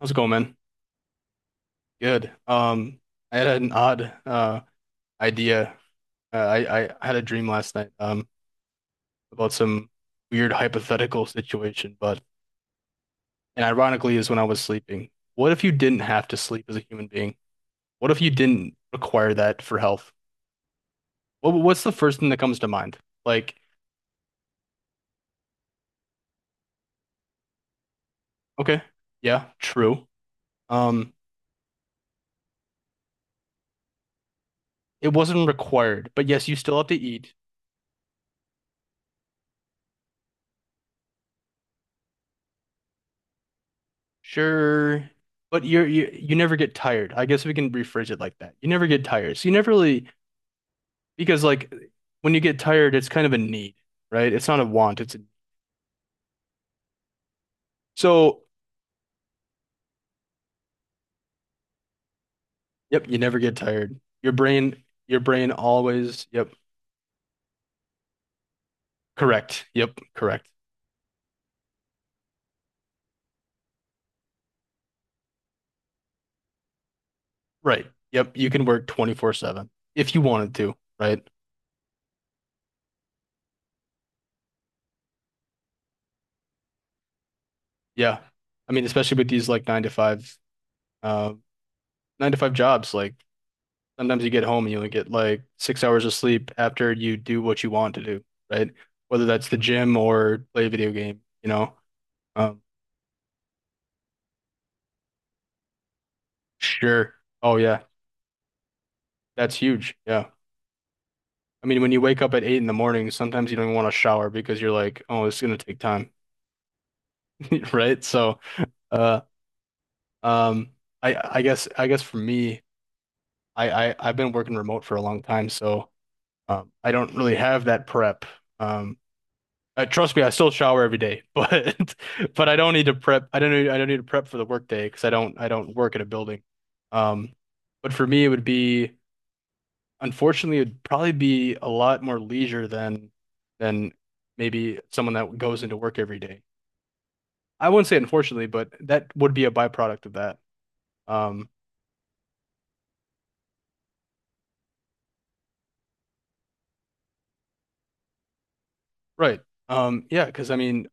How's it going, man? Good. I had an odd idea. I had a dream last night about some weird hypothetical situation, but and ironically is when I was sleeping. What if you didn't have to sleep as a human being? What if you didn't require that for health? What's the first thing that comes to mind? Like, okay, yeah, true. Um, it wasn't required, but yes, you still have to eat. Sure, but you never get tired. I guess we can rephrase it like that. You never get tired. So you never really. Because like when you get tired, it's kind of a need, right? It's not a want, it's a, so, yep, you never get tired. Your brain always, yep, correct. Yep, correct. Right. Yep, you can work 24/7 if you wanted to, right? Yeah. I mean, especially with these like uh 9 to 5 jobs, like sometimes you get home and you only get like 6 hours of sleep after you do what you want to do, right? Whether that's the gym or play a video game. Um, sure. Oh yeah, that's huge. Yeah. I mean, when you wake up at 8 in the morning, sometimes you don't even want to shower because you're like, oh, it's gonna take time, right? So, uh, um, I guess for me, I've been working remote for a long time, so I don't really have that prep. Um, Trust me, I still shower every day, but I don't need to prep. I don't need to prep for the workday because I don't work at a building. Um, but for me, it would be. Unfortunately, it'd probably be a lot more leisure than than maybe someone that goes into work every day. I wouldn't say unfortunately, but that would be a byproduct of that. Um, right. Yeah, because I mean,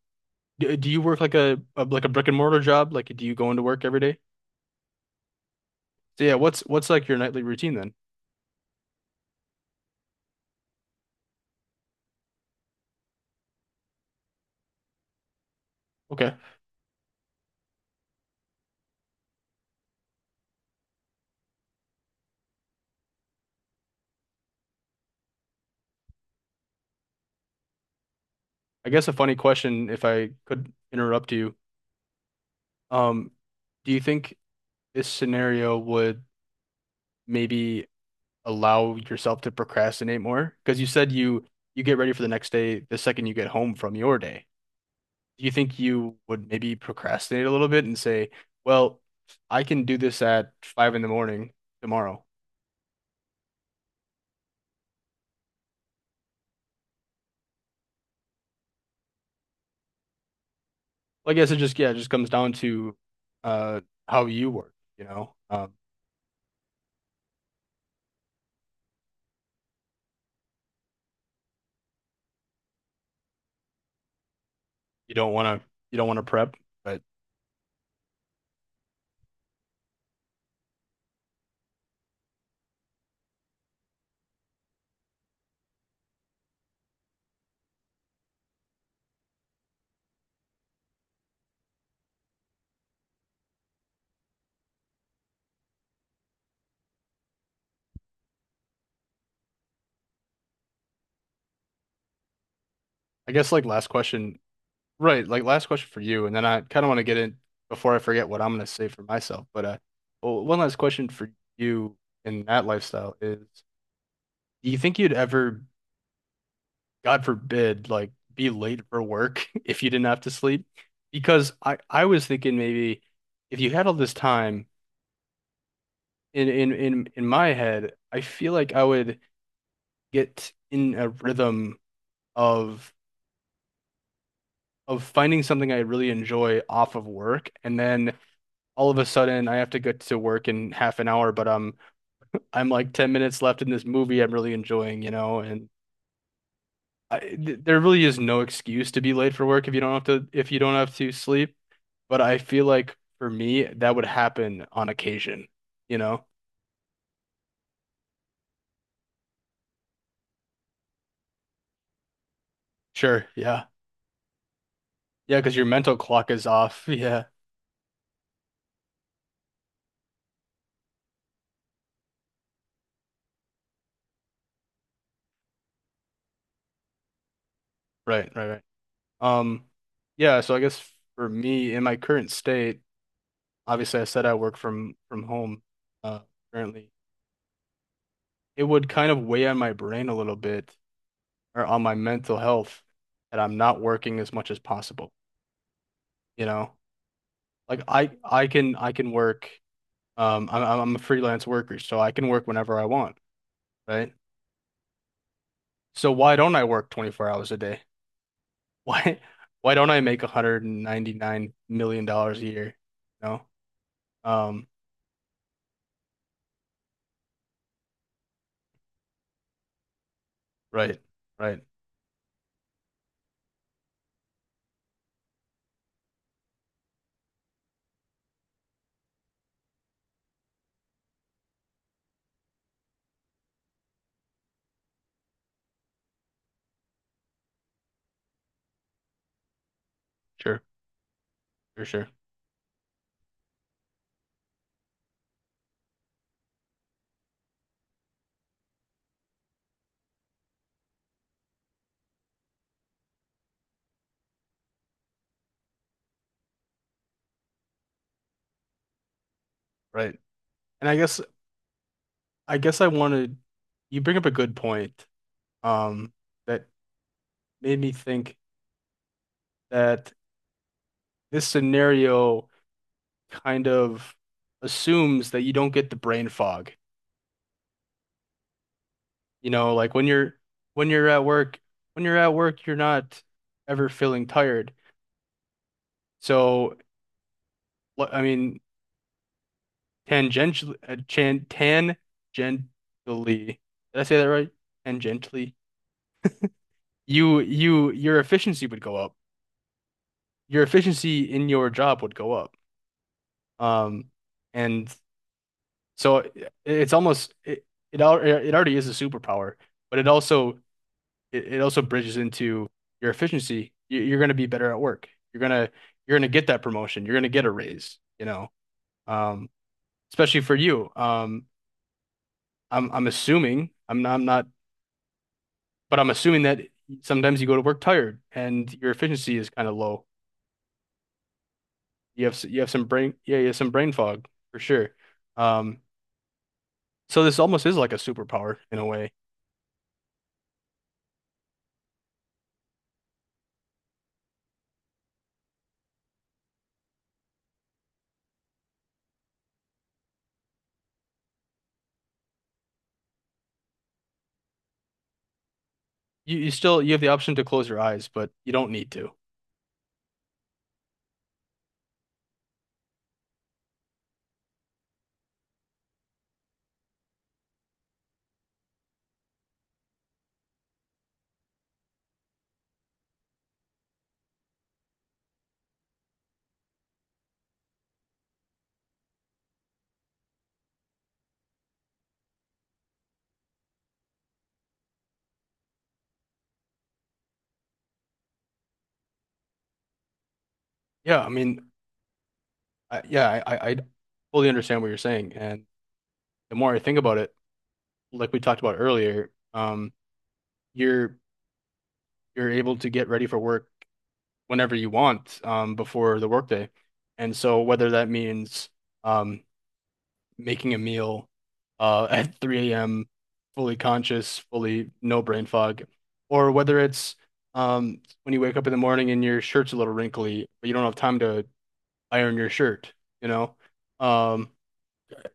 do you work like a like a brick and mortar job? Like, do you go into work every day? So yeah, what's like your nightly routine then? Okay. I guess a funny question, if I could interrupt you. Um, do you think this scenario would maybe allow yourself to procrastinate more? Because you said you get ready for the next day the second you get home from your day. Do you think you would maybe procrastinate a little bit and say, well, I can do this at 5 in the morning tomorrow? Well, I guess it just yeah, it just comes down to uh how you work, you know. You don't want to you don't want to prep, but I guess like last question, right, like last question for you, and then I kind of want to get in before I forget what I'm going to say for myself. But well, one last question for you in that lifestyle is, do you think you'd ever, God forbid, like be late for work if you didn't have to sleep? Because I was thinking maybe if you had all this time in my head, I feel like I would get in a rhythm of of finding something I really enjoy off of work, and then all of a sudden I have to get to work in half an hour, but I'm like 10 minutes left in this movie I'm really enjoying, and I, th there really is no excuse to be late for work if you don't have to if you don't have to sleep. But I feel like for me that would happen on occasion, you know? Sure, yeah. Yeah, because your mental clock is off. Yeah. Right, right, right. Um, yeah, so I guess for me in my current state, obviously I said I work from home uh currently. It would kind of weigh on my brain a little bit or on my mental health that I'm not working as much as possible. You know, like I can work. I'm a freelance worker, so I can work whenever I want, right? So why don't I work 24 hours a day? Why why don't I make $199 million a year? You know? Um, right, right, sure, sure, sure, right. And I guess I wanted you bring up a good point, um, that made me think that this scenario kind of assumes that you don't get the brain fog. You know, like when you're at work, when you're at work, you're not ever feeling tired. So, I mean, tangentially, tangentially, did I say that right? Tangentially, your efficiency would go up. Your efficiency in your job would go up. Um, and so it, it's almost it it, al it already is a superpower, but it also bridges into your efficiency. You're going to be better at work. You're gonna get that promotion. You're gonna get a raise. You know, um, especially for you. I'm assuming I'm not, but I'm assuming that sometimes you go to work tired and your efficiency is kind of low. You have some brain yeah you have some brain fog for sure. Um, so this almost is like a superpower in a way. You still you have the option to close your eyes, but you don't need to. Yeah, I mean, I, yeah, I fully understand what you're saying, and the more I think about it, like we talked about earlier, you're you're able to get ready for work whenever you want, before the workday. And so whether that means um, making a meal at 3 a.m., fully conscious, fully no brain fog, or whether it's when you wake up in the morning and your shirt's a little wrinkly, but you don't have time to iron your shirt, you know? Um,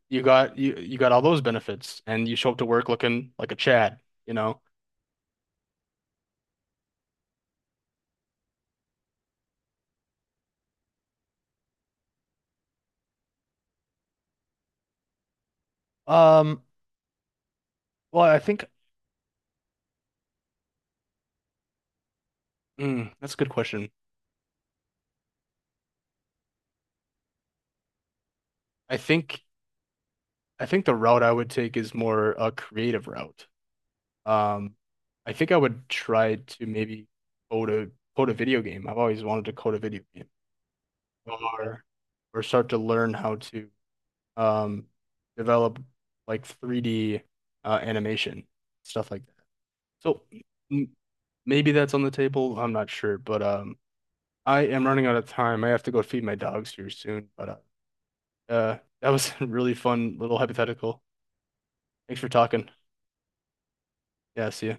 you got all those benefits and you show up to work looking like a Chad, you know? Um, well, I think that's a good question. I think I think the route I would take is more a creative route. Um, I think I would try to maybe code a code a video game. I've always wanted to code a video game or or start to learn how to um develop like 3D animation stuff like that. So m maybe that's on the table. I'm not sure, but I am running out of time. I have to go feed my dogs here soon, but that was a really fun little hypothetical. Thanks for talking. Yeah, see you.